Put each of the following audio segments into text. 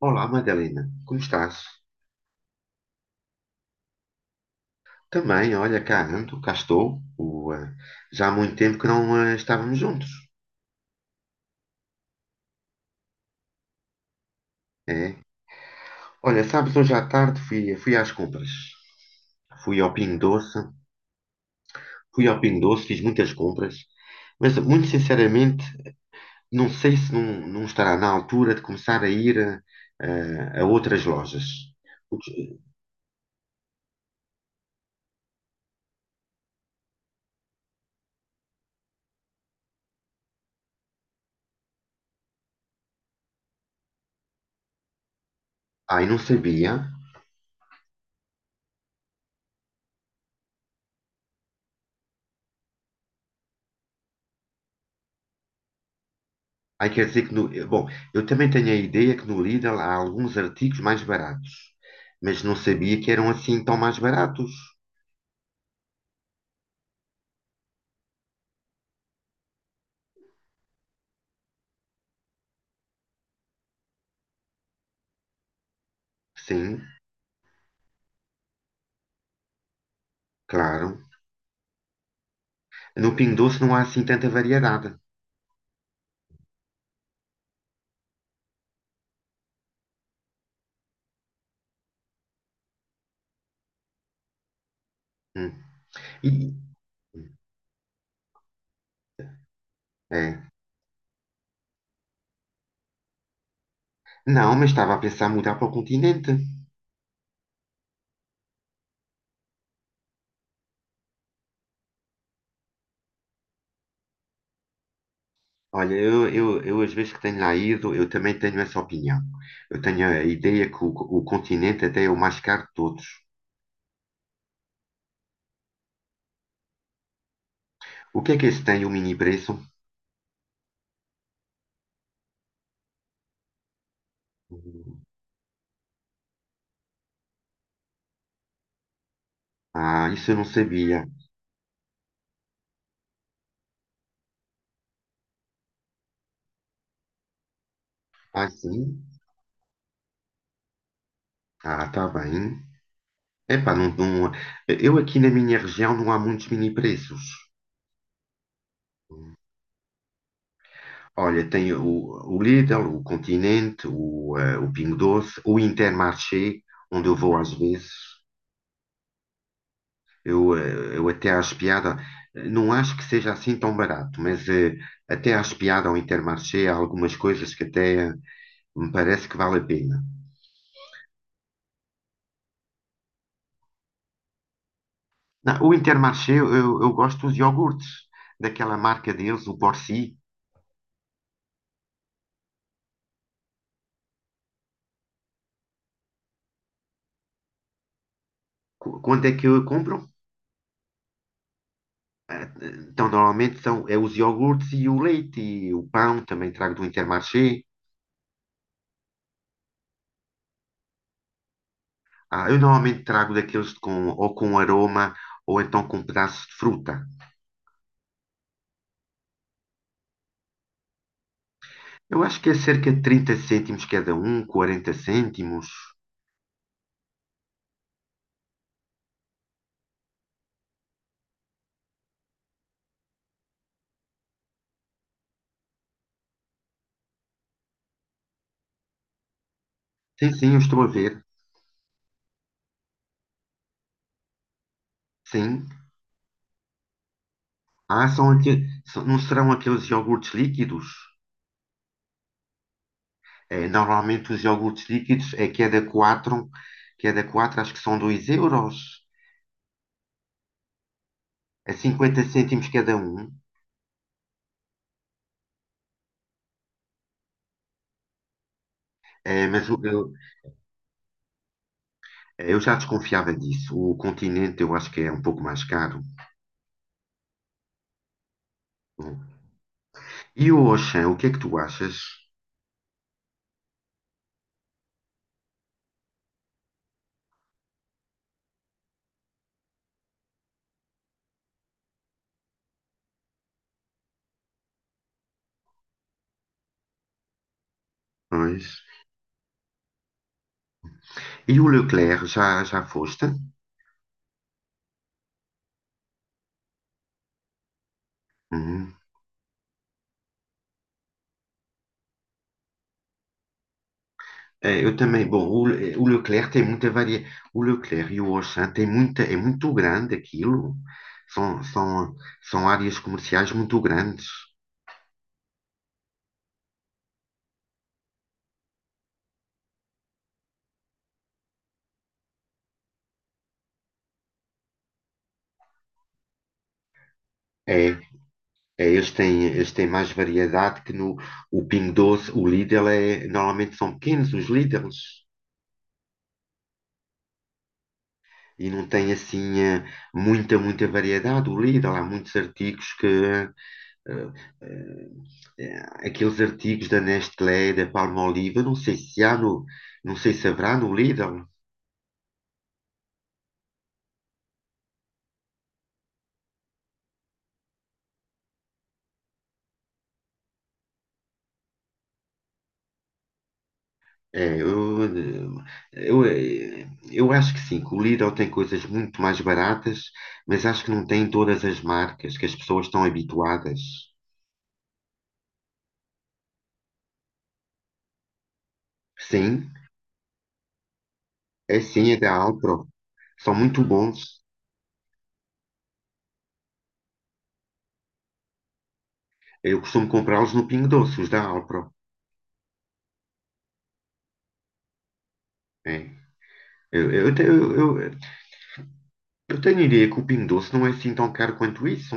Olá, Madalena, como estás? Também, olha, cá ando, cá estou. Já há muito tempo que não estávamos juntos. É. Olha, sabes, hoje à tarde fui às compras. Fui ao Pingo Doce, Fui ao Pingo Doce, fiz muitas compras, mas muito sinceramente não sei se não, não estará na altura de começar a ir a outras lojas. Ai, não sabia. Aí quer dizer que no, eh, bom, eu também tenho a ideia que no Lidl há alguns artigos mais baratos, mas não sabia que eram assim tão mais baratos. Sim, claro. No Pingo Doce não há assim tanta variedade. Hum. E- É. Não, mas estava a pensar mudar para o continente. Olha, eu às vezes que tenho lá ido, eu também tenho essa opinião. Eu tenho a ideia que o continente até é o mais caro de todos. O que é que esse tem, o mini preço? Hum. Ah, isso eu não sabia. Ah, sim? Ah, está bem. Epá, não, eu aqui na minha região não há muitos mini preços. Olha, tem o Lidl, o Continente, o Pingo Doce, o Intermarché, onde eu vou às vezes. Eu até acho piada, não acho que seja assim tão barato, mas até acho piada ao Intermarché, há algumas coisas que até me parece que vale a pena. Não, o Intermarché, eu gosto dos iogurtes, daquela marca deles, o Borsi. Quanto é que eu compro? Então, normalmente são é os iogurtes e o leite e o pão, também trago do Intermarché. Ah, eu normalmente trago daqueles com, ou com aroma ou então com pedaços de fruta. Eu acho que é cerca de 30 cêntimos cada um, 40 cêntimos. Sim, sim, eu estou a ver. Sim. Ah, são aqueles, não serão aqueles iogurtes líquidos? É, normalmente os iogurtes líquidos é cada 4 acho que são 2 euros. É 50 cêntimos cada um. É, mas o, Eu já desconfiava disso. O continente eu acho que é um pouco mais caro. Hum. E o Auchan, o que é que tu achas? Pois. E o Leclerc, já foste? Uhum. Eu também, bom, o Leclerc tem muita varia. O Leclerc e o Auchan tem muita, é muito grande aquilo. São, são, são áreas comerciais muito grandes. É, eles têm mais variedade que no o Pingo Doce. O Lidl é, normalmente são pequenos os Lidls. E não tem assim muita variedade. O Lidl, há muitos artigos que. Eh, eh, Aqueles artigos da Nestlé, da Palmolive, eu não sei se há no. Não sei se haverá no Lidl. É, eu, eh, eu acho que sim, que o Lidl tem coisas muito mais baratas, mas acho que não tem todas as marcas que as pessoas estão habituadas. Sim, sim, é da Alpro. São muito bons. Eu costumo comprá-los no Pingo Doce, os da Alpro. É. Eu, te- eu tenho a ideia que o Pingo Doce não é assim tão caro quanto isso.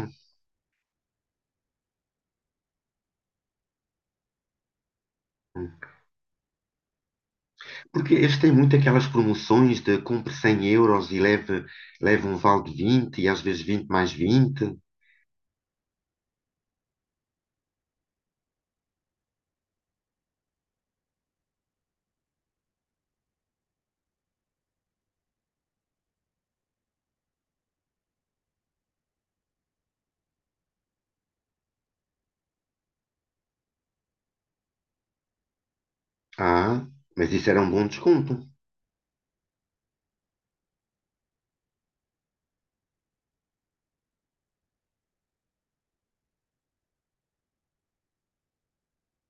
Porque eles têm muito aquelas promoções de compre 100 euros e leve um vale de 20 e às vezes 20 mais 20. Ah, mas isso era um bom desconto.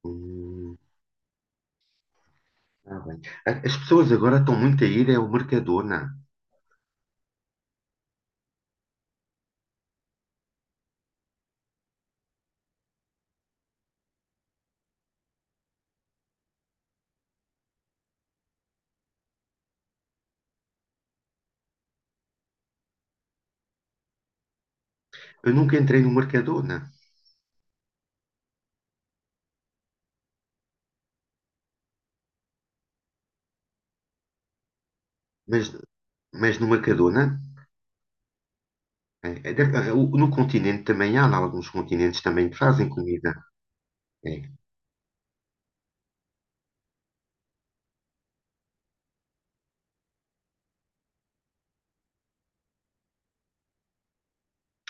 Hum, tá bem. As pessoas agora estão muito a ir ao Mercadona. Eu nunca entrei no Mercadona, mas, mas no Mercadona, no continente também há, em alguns continentes também que fazem comida. É.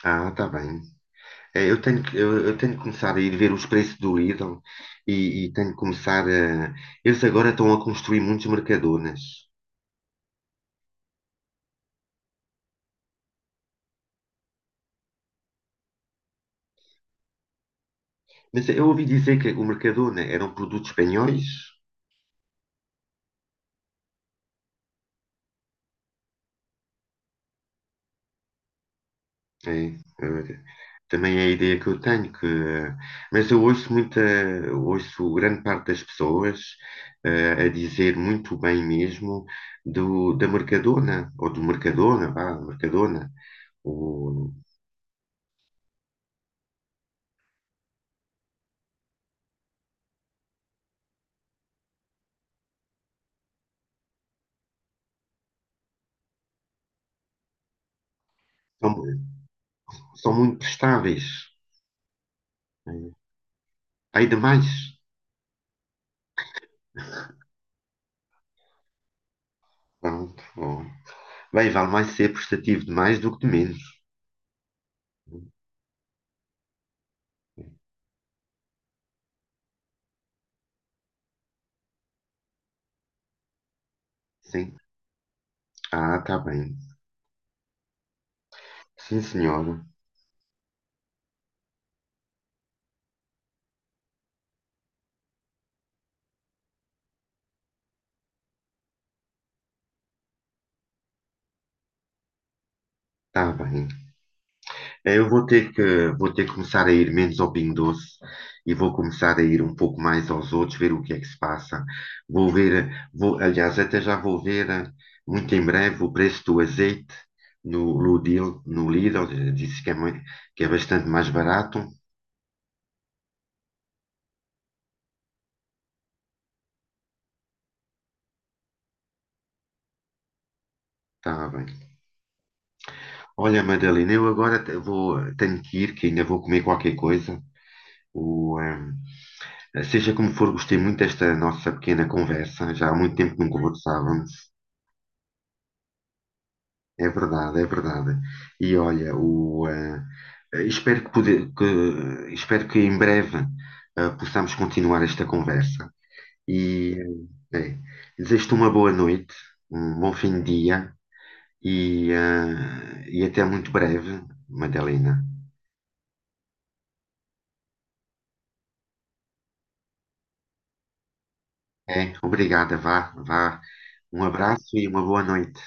Ah, tá bem. Eu tenho que, eu tenho que começar a ir ver os preços do Lidl e tenho que começar a. Eles agora estão a construir muitos Mercadonas. Mas eu ouvi dizer que o Mercadona eram produtos espanhóis. É, eh, também é a ideia que eu tenho. Mas eu ouço muita, eu ouço grande parte das pessoas a dizer muito bem mesmo da Mercadona, ou do Mercadona, vá, Mercadona. O- são, são muito prestáveis. É. Há demais. Pronto, bom. Bem, vale mais ser prestativo de mais do que de menos. Sim. Ah, tá bem. Sim, senhora. Tá bem. Eu vou ter que começar a ir menos ao Pingo Doce e vou começar a ir um pouco mais aos outros, ver o que é que se passa. Vou ver, aliás, até já vou ver muito em breve o preço do azeite no Lidl. Disse que é, que é bastante mais barato. Tá bem. Olha, Madalena, eu agora vou, tenho que ir, que ainda vou comer qualquer coisa. O, ehm, seja como for, gostei muito desta nossa pequena conversa. Já há muito tempo que não conversávamos. É verdade, é verdade. E olha, o, eh, eh, espero que, espero que em breve, possamos continuar esta conversa. E eh, é, desejo-te uma boa noite, um bom fim de dia e, e até muito breve, Madalena. É, obrigada, vá, vá. Um abraço e uma boa noite.